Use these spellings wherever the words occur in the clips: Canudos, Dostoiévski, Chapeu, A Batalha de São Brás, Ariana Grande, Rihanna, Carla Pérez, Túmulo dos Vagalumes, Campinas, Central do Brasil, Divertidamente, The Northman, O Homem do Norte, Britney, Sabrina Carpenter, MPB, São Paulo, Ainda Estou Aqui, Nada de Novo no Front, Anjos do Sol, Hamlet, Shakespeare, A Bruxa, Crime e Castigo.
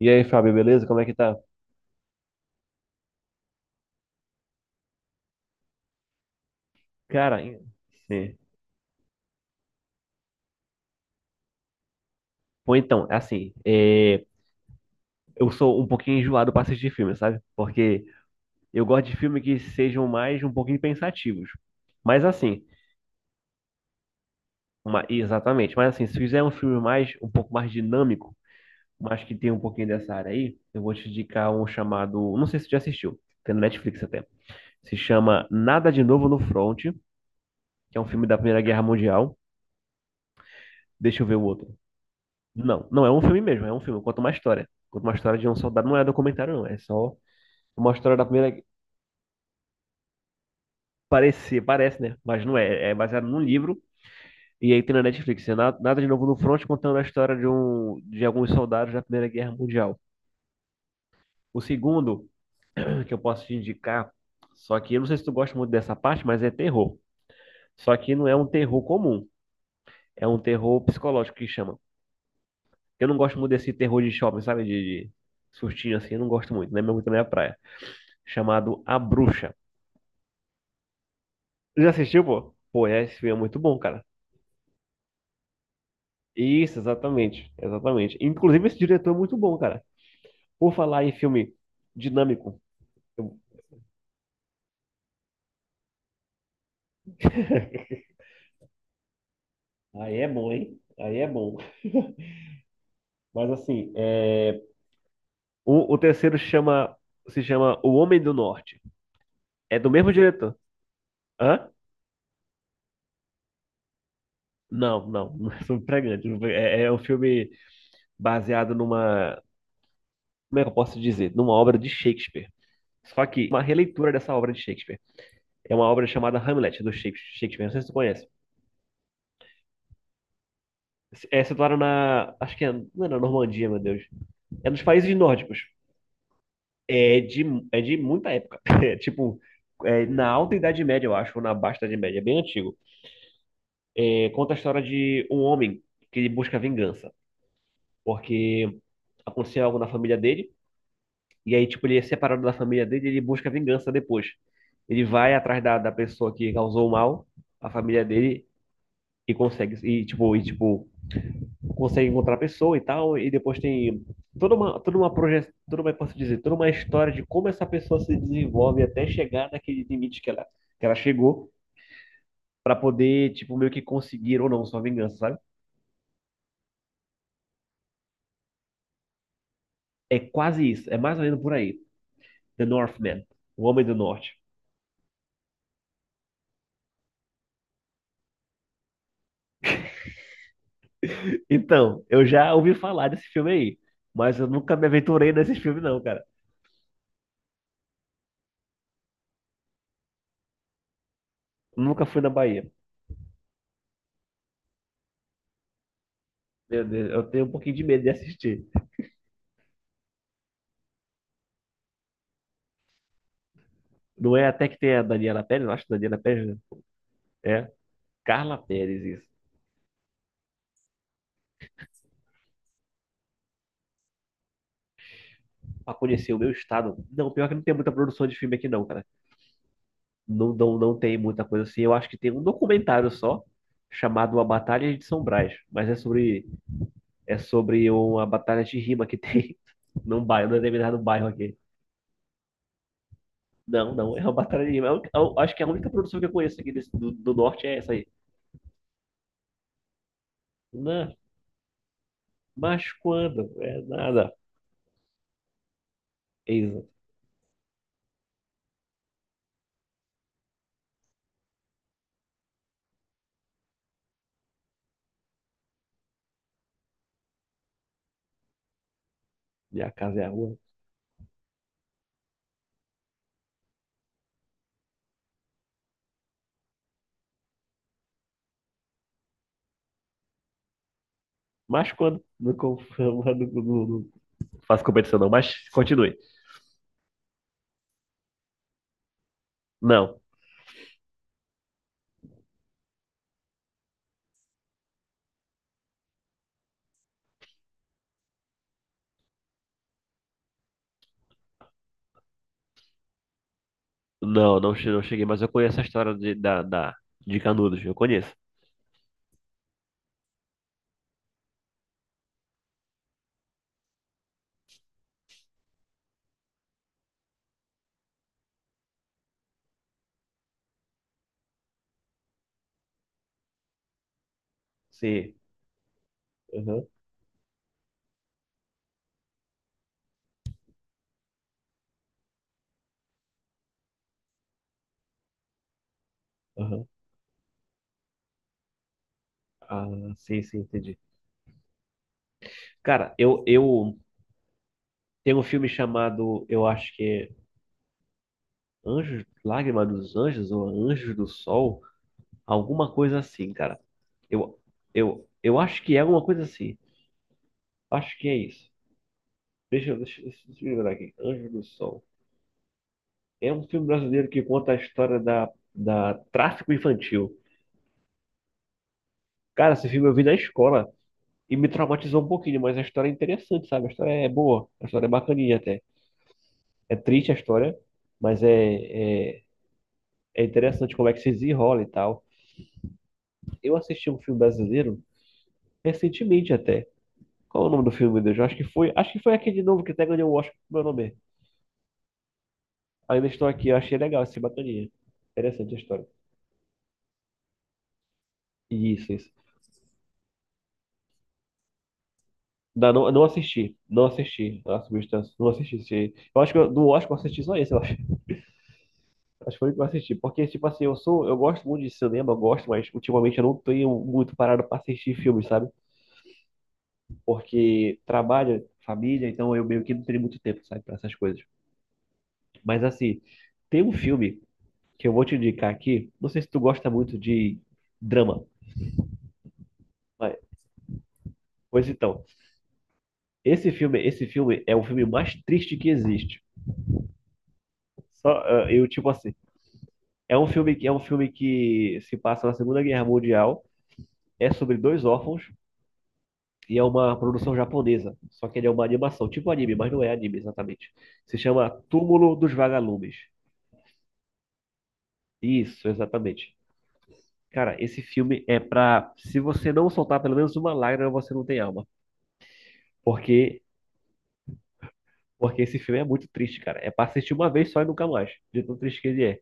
E aí, Fábio, beleza? Como é que tá? Cara, em- é. Pô, então, é assim, é, eu sou um pouquinho enjoado pra assistir filme, sabe? Porque eu gosto de filme que sejam mais um pouquinho pensativos. Mas assim, exatamente, mas assim, se fizer um filme mais, um pouco mais dinâmico, mas que tem um pouquinho dessa área aí, eu vou te indicar um chamado, não sei se você já assistiu, tem no Netflix até. Se chama Nada de Novo no Front, que é um filme da Primeira Guerra Mundial. Deixa eu ver o outro. Não, não é um filme mesmo, é um filme, conta uma história. Conta uma história de um soldado, não é documentário, não. É só uma história da primeira. Parecer, parece, né? Mas não é. É baseado num livro. E aí tem na Netflix. Nada de Novo no Front contando a história de alguns soldados da Primeira Guerra Mundial. O segundo que eu posso te indicar, só que eu não sei se tu gosta muito dessa parte, mas é terror. Só que não é um terror comum, é um terror psicológico que chama. Eu não gosto muito desse terror de shopping, sabe? De sustinho assim, eu não gosto muito, não é muito da minha praia. Chamado A Bruxa. Já assistiu, pô? Pô, é, esse filme é muito bom, cara. Isso, exatamente. Exatamente. Inclusive, esse diretor é muito bom, cara. Por falar em filme dinâmico. eu- Aí é bom, hein? Aí é bom. Mas assim, é... o terceiro chama se chama O Homem do Norte. É do mesmo diretor. Hã? Não é sobre pregante. É um filme baseado numa, como é que eu posso dizer? Numa obra de Shakespeare. Só que uma releitura dessa obra de Shakespeare. É uma obra chamada Hamlet, do Shakespeare. Não sei se tu conhece. É situada na. Acho que é, não é na Normandia, meu Deus. É nos países nórdicos. É de, é de muita época. É, tipo, é na Alta Idade Média, eu acho, ou na Baixa Idade Média. É bem antigo. É, conta a história de um homem que ele busca vingança. Porque aconteceu algo na família dele. E aí, tipo, ele é separado da família dele e ele busca vingança depois. Ele vai atrás da pessoa que causou o mal à família dele e consegue. E, tipo, consegue encontrar a pessoa e tal, e depois tem toda uma projeção, toda uma, posso dizer, toda uma história de como essa pessoa se desenvolve até chegar naquele limite que ela chegou para poder, tipo, meio que conseguir ou não sua vingança, sabe? É quase isso, é mais ou menos por aí. The Northman, O Homem do Norte. Então, eu já ouvi falar desse filme aí, mas eu nunca me aventurei nesse filme não, cara. Nunca fui na Bahia. Meu Deus, eu tenho um pouquinho de medo de assistir. Não é até que tem a Daniela Pérez, eu acho que Daniela Pérez, né? É, Carla Pérez, isso. Pra conhecer o meu estado. Não, pior que não tem muita produção de filme aqui não, cara. Não tem muita coisa assim. Eu acho que tem um documentário só, chamado A Batalha de São Brás. É sobre uma batalha de rima que tem num determinado bairro aqui. Não, não, é uma batalha de rima. Eu acho que a única produção que eu conheço aqui do norte é essa aí. Não, mas quando? É nada. Eisa, minha casa é a rua. Mas quando? Não, não, não, não faço competição não, mas continue. Não. Não cheguei, mas eu conheço a história de Canudos, eu conheço. Sim. Aham, aham. Ah, sim, sim, entendi. Cara, eu tenho um filme chamado, eu acho que é Anjos, Lágrima dos Anjos ou Anjos do Sol, alguma coisa assim, cara. Eu, eu acho que é alguma coisa assim. Acho que é isso. Deixa eu lembrar aqui. Anjos do Sol. É um filme brasileiro que conta a história da tráfico infantil. Cara, esse filme eu vi na escola. E me traumatizou um pouquinho, mas a história é interessante, sabe? A história é boa, a história é bacaninha até. É triste a história, mas é, é, é interessante como é que se desenrola e tal. Eu assisti um filme brasileiro recentemente até. Qual é o nome do filme, meu Deus? Eu acho que foi, acho que foi aquele de novo que até ganhou o Oscar com meu nome. Ainda estou aqui, eu achei legal esse bacaninha. Interessante a história. Isso, isso. Não, não, não assisti, não assisti A Substância, não assisti. Eu acho que do Oscar eu assisti só esse, eu acho. Acho que foi o que eu assisti. Porque, tipo assim, eu gosto muito de cinema, eu gosto, mas ultimamente eu não tenho muito parado pra assistir filmes, sabe? Porque trabalho, família, então eu meio que não tenho muito tempo, sabe, pra essas coisas. Mas assim, tem um filme que eu vou te indicar aqui. Não sei se tu gosta muito de drama, mas, pois então, esse filme é o filme mais triste que existe. Só, ah, eu, tipo assim, é um filme que se passa na Segunda Guerra Mundial. É sobre dois órfãos. E é uma produção japonesa. Só que ele é uma animação, tipo anime, mas não é anime exatamente. Se chama Túmulo dos Vagalumes. Isso, exatamente. Cara, esse filme é pra. Se você não soltar pelo menos uma lágrima, você não tem alma. Porque, porque esse filme é muito triste, cara. É pra assistir uma vez só e nunca mais. De tão triste que ele é.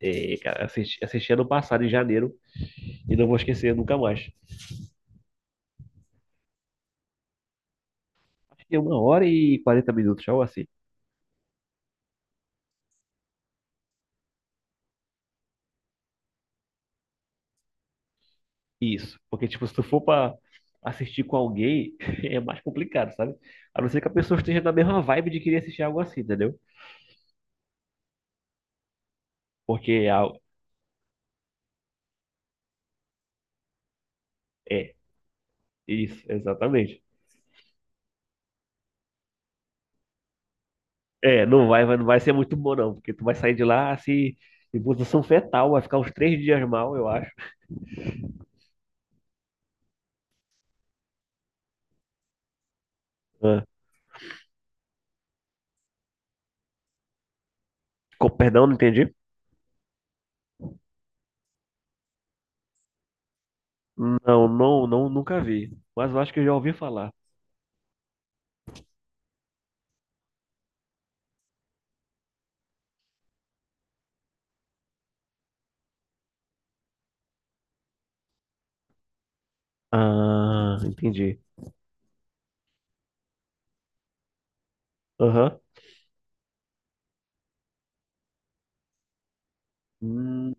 É, cara, assisti ano passado, em janeiro, e não vou esquecer nunca mais. É uma hora e 40 minutos, algo assim. Isso, porque tipo, se tu for pra assistir com alguém, é mais complicado, sabe? A não ser que a pessoa esteja na mesma vibe de querer assistir algo assim, entendeu? Porque é, é, isso, exatamente. É, não vai ser muito bom não, porque tu vai sair de lá assim, em posição fetal, vai ficar uns três dias mal, eu acho. Ah, perdão, não entendi? Não, nunca vi, mas eu acho que eu já ouvi falar. Ah, entendi. Aham. Hum,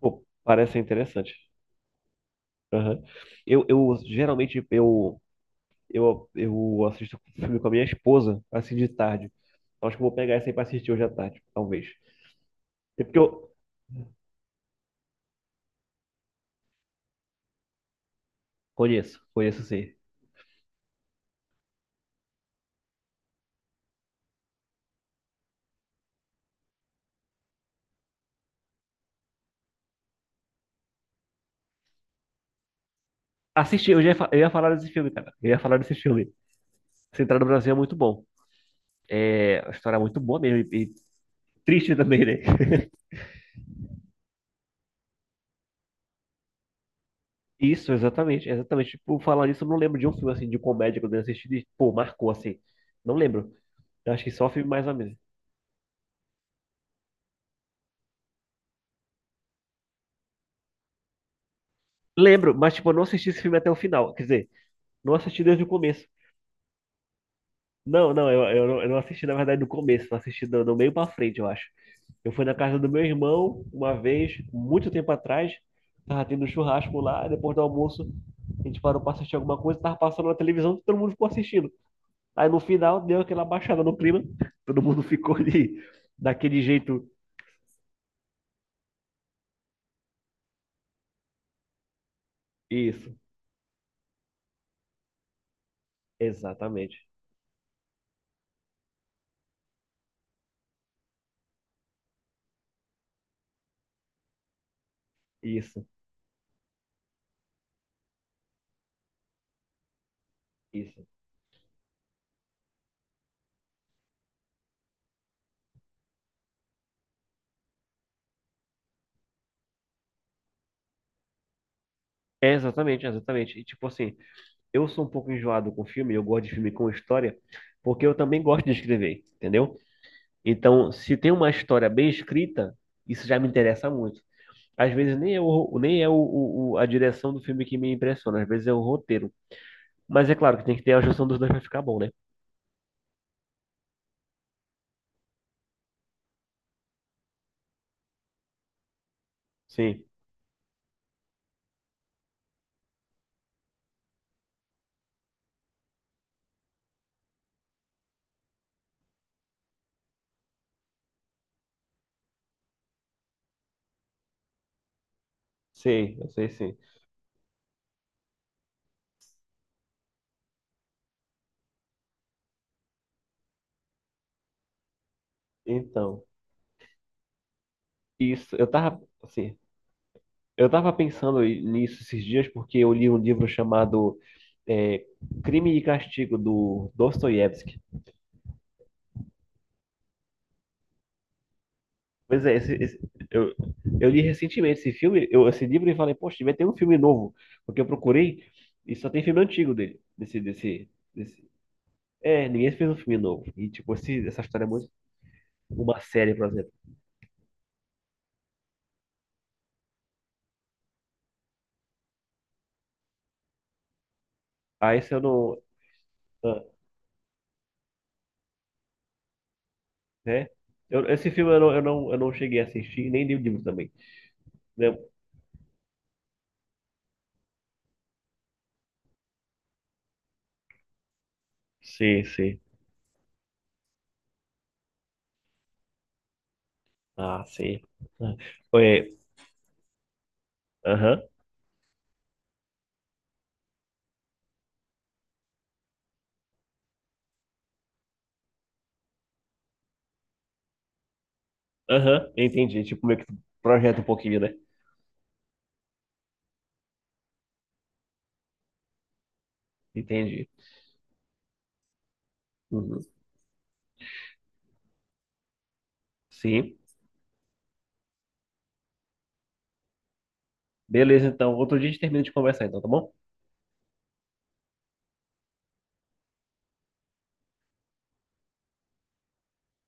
pô, parece ser interessante. Aham. Eu, eu geralmente eu eu assisto filme com a minha esposa, assim de tarde. Acho que eu vou pegar essa aí pra assistir hoje à tarde, talvez. É porque eu conheço sim. Assisti, eu ia falar desse filme, cara. Eu ia falar desse filme. Central do Brasil é muito bom. É, a história é muito boa mesmo e triste também, né? Isso, exatamente, exatamente. Por falar nisso, eu não lembro de um filme assim de comédia que eu tenha assistido e, pô, marcou assim. Não lembro. Eu acho que só filme mais ou menos. Lembro, mas tipo, eu não assisti esse filme até o final. Quer dizer, não assisti desde o começo. Eu não assisti, na verdade, do começo, eu assisti do meio pra frente, eu acho. Eu fui na casa do meu irmão uma vez, muito tempo atrás, tava tendo um churrasco lá, e depois do almoço, a gente parou pra assistir alguma coisa, tava passando na televisão, todo mundo ficou assistindo. Aí no final deu aquela baixada no clima, todo mundo ficou ali, daquele jeito. Isso, exatamente. Isso, isso. É, exatamente, exatamente. E tipo assim, eu sou um pouco enjoado com filme, eu gosto de filme com história, porque eu também gosto de escrever, entendeu? Então, se tem uma história bem escrita, isso já me interessa muito. Às vezes nem é, o, nem é o- a direção do filme que me impressiona, às vezes é o roteiro. Mas é claro que tem que ter a junção dos dois para ficar bom, né? Sim, sim, eu sei sim. Então, isso, eu tava, assim, eu tava pensando nisso esses dias porque eu li um livro chamado é, Crime e Castigo, do Dostoiévski. Pois é, eu, eu li recentemente esse livro, e falei, poxa, vai ter um filme novo, porque eu procurei e só tem filme antigo dele, É, ninguém fez um filme novo. E, tipo, essa história é muito... Uma série, por exemplo. Ah, esse eu não... Ah, né? Esse filme eu não cheguei a assistir, nem li o livro também. Né? Sim, sim. Ah, sim. Ah, é, aham, aham, entendi. Tipo, meio que projeta um pouquinho, né? Entendi. Uhum. Sim. Beleza, então. Outro dia a gente termina de conversar, então, tá bom?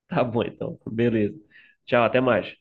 Tá bom, então. Beleza. Tchau, até mais.